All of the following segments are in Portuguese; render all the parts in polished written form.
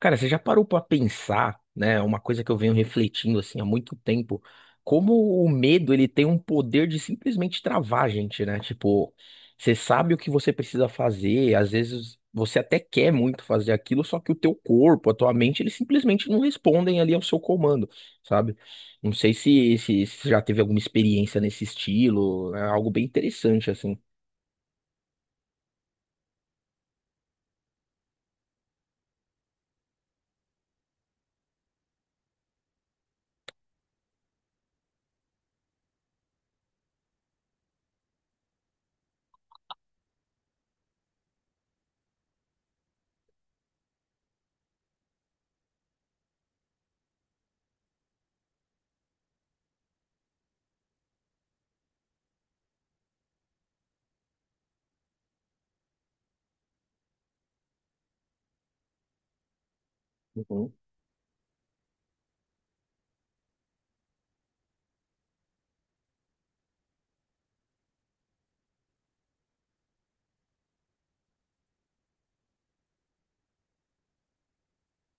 Cara, você já parou pra pensar, né? Uma coisa que eu venho refletindo assim há muito tempo, como o medo ele tem um poder de simplesmente travar a gente, né? Tipo, você sabe o que você precisa fazer, às vezes você até quer muito fazer aquilo, só que o teu corpo, a tua mente, eles simplesmente não respondem ali ao seu comando, sabe? Não sei se já teve alguma experiência nesse estilo, é algo bem interessante assim.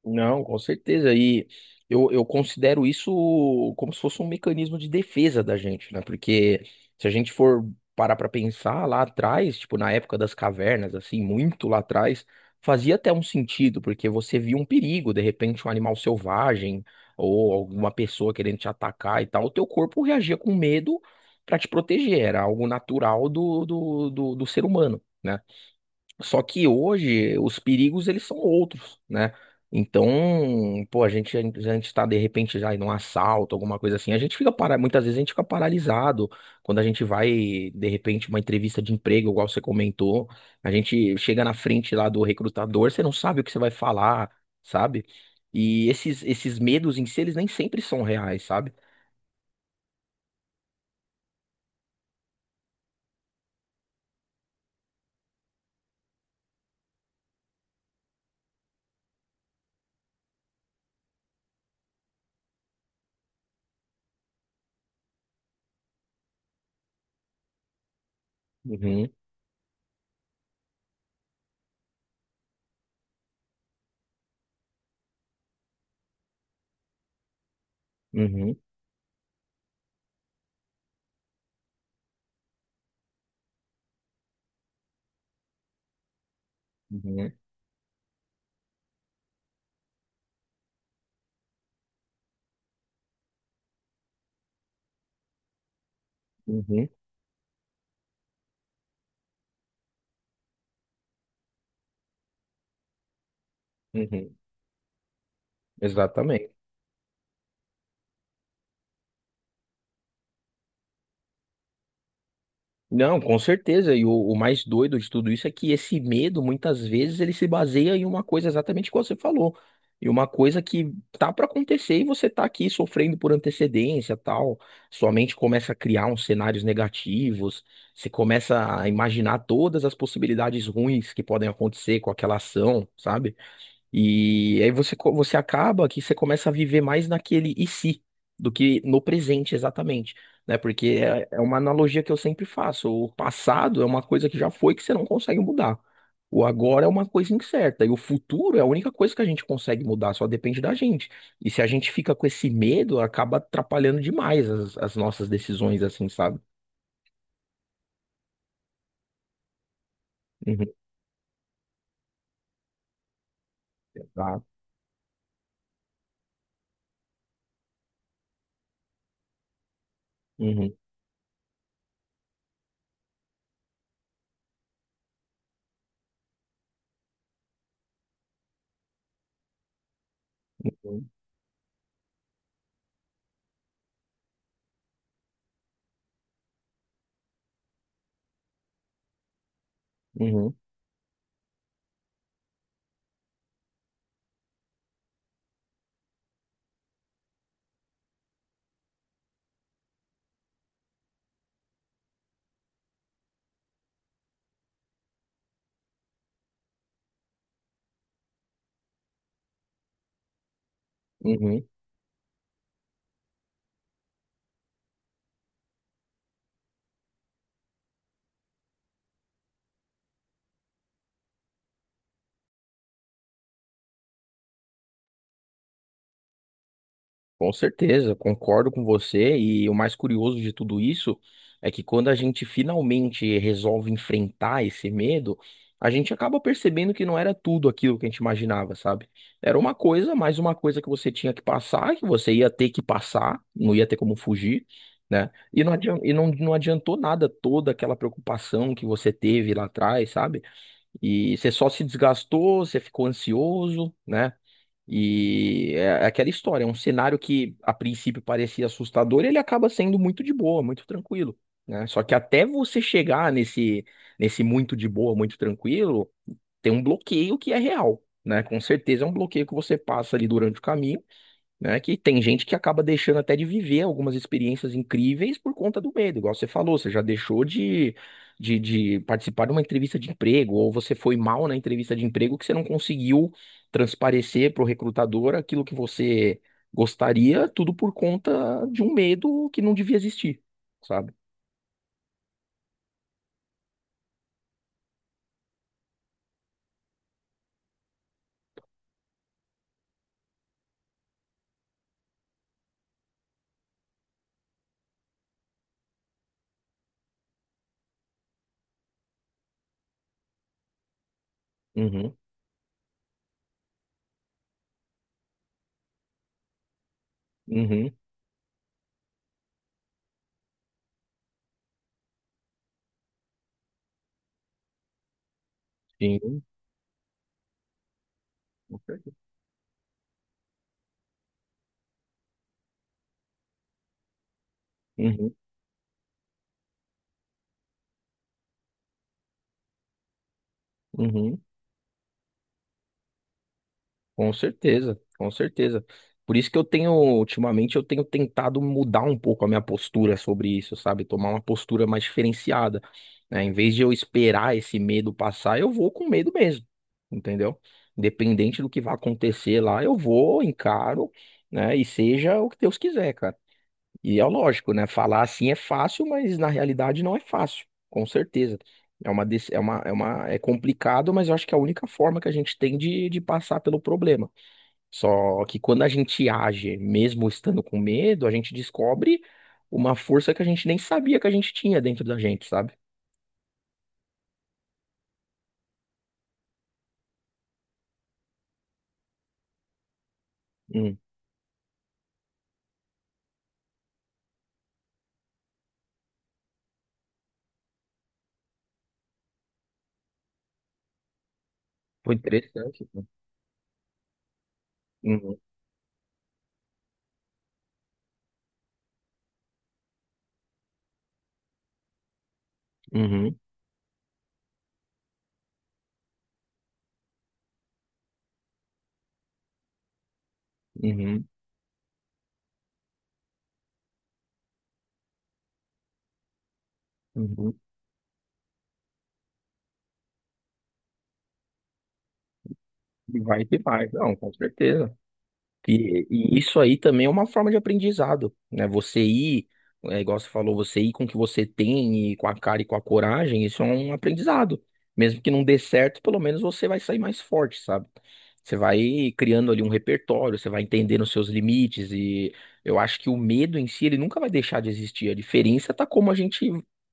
Não, com certeza. E eu considero isso como se fosse um mecanismo de defesa da gente, né? Porque se a gente for parar pra pensar lá atrás, tipo na época das cavernas, assim, muito lá atrás, fazia até um sentido, porque você via um perigo, de repente um animal selvagem ou alguma pessoa querendo te atacar e tal, o teu corpo reagia com medo pra te proteger, era algo natural do ser humano, né? Só que hoje os perigos eles são outros, né? Então, pô, a gente tá de repente já em um assalto, alguma coisa assim. A gente fica para, muitas vezes a gente fica paralisado quando a gente vai, de repente, uma entrevista de emprego, igual você comentou. A gente chega na frente lá do recrutador, você não sabe o que você vai falar, sabe? E esses medos em si, eles nem sempre são reais, sabe? Uhum, uhum, uhum, uhum, uhum. Exatamente. Não, com certeza. E o mais doido de tudo isso é que esse medo, muitas vezes, ele se baseia em uma coisa exatamente como você falou. E uma coisa que tá para acontecer e você tá aqui sofrendo por antecedência, tal. Sua mente começa a criar uns cenários negativos, você começa a imaginar todas as possibilidades ruins que podem acontecer com aquela ação, sabe? E aí você acaba que você começa a viver mais naquele e se do que no presente exatamente, né? Porque é uma analogia que eu sempre faço. O passado é uma coisa que já foi que você não consegue mudar. O agora é uma coisa incerta e o futuro é a única coisa que a gente consegue mudar, só depende da gente. E se a gente fica com esse medo, acaba atrapalhando demais as nossas decisões, assim, sabe? Uhum, tá. Uhum, uhum, uhum, uhum. Com certeza, concordo com você. E o mais curioso de tudo isso é que quando a gente finalmente resolve enfrentar esse medo, a gente acaba percebendo que não era tudo aquilo que a gente imaginava, sabe? Era uma coisa, mais uma coisa que você tinha que passar, que você ia ter que passar, não ia ter como fugir, né? E não adiantou nada toda aquela preocupação que você teve lá atrás, sabe? E você só se desgastou, você ficou ansioso, né? E é aquela história, é um cenário que a princípio parecia assustador, ele acaba sendo muito de boa, muito tranquilo, né? Só que até você chegar nesse muito de boa, muito tranquilo, tem um bloqueio que é real, né? Com certeza é um bloqueio que você passa ali durante o caminho, né? Que tem gente que acaba deixando até de viver algumas experiências incríveis por conta do medo, igual você falou, você já deixou de participar de uma entrevista de emprego, ou você foi mal na entrevista de emprego que você não conseguiu transparecer para o recrutador aquilo que você gostaria, tudo por conta de um medo que não devia existir, sabe? Uhum, uhum, sim, com certeza. Uhum, uhum. Com certeza, com certeza. Por isso que eu tenho, ultimamente, eu tenho tentado mudar um pouco a minha postura sobre isso, sabe? Tomar uma postura mais diferenciada, né? Em vez de eu esperar esse medo passar, eu vou com medo mesmo, entendeu? Independente do que vai acontecer lá, eu vou, encaro, né? E seja o que Deus quiser, cara. E é lógico, né? Falar assim é fácil, mas na realidade não é fácil, com certeza. É uma, dec- é uma, é uma, é complicado, mas eu acho que é a única forma que a gente tem de passar pelo problema. Só que quando a gente age, mesmo estando com medo, a gente descobre uma força que a gente nem sabia que a gente tinha dentro da gente, sabe? Hum, foi interessante, né? Uhum, uhum, uhum, uhum. E vai que vai. Não, com certeza. E isso aí também é uma forma de aprendizado, né? Você ir, é, igual você falou, você ir com o que você tem e com a cara e com a coragem, isso é um aprendizado. Mesmo que não dê certo, pelo menos você vai sair mais forte, sabe? Você vai criando ali um repertório, você vai entendendo os seus limites e eu acho que o medo em si, ele nunca vai deixar de existir. A diferença tá como a gente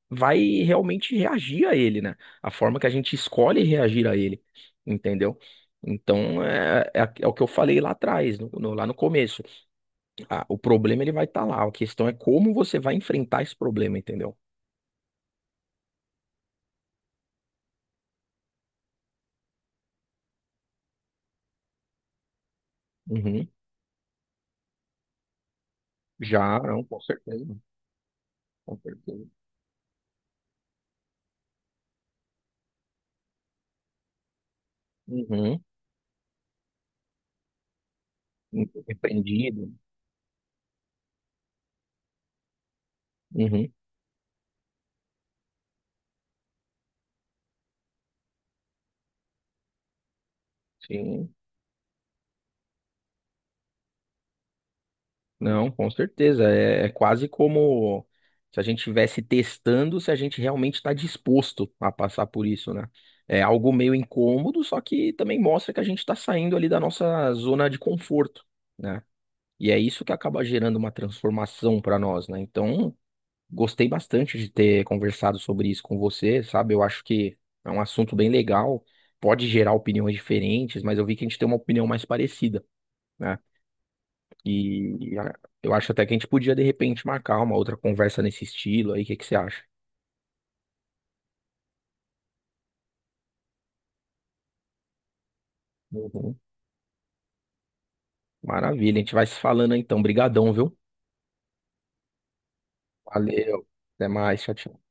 vai realmente reagir a ele, né? A forma que a gente escolhe reagir a ele, entendeu? Então, é o que eu falei lá atrás, lá no começo. Ah, o problema ele vai estar lá. A questão é como você vai enfrentar esse problema, entendeu? Uhum. Já, não, com certeza. Com certeza. Uhum. Repreendido. Uhum. Sim. Não, com certeza. É quase como se a gente estivesse testando se a gente realmente está disposto a passar por isso, né? É algo meio incômodo, só que também mostra que a gente está saindo ali da nossa zona de conforto, né? E é isso que acaba gerando uma transformação para nós, né? Então, gostei bastante de ter conversado sobre isso com você, sabe? Eu acho que é um assunto bem legal, pode gerar opiniões diferentes, mas eu vi que a gente tem uma opinião mais parecida, né? E eu acho até que a gente podia, de repente, marcar uma outra conversa nesse estilo aí, o que que você acha? Uhum. Maravilha, a gente vai se falando então. Brigadão, viu? Valeu. Até mais, tchau, tchau.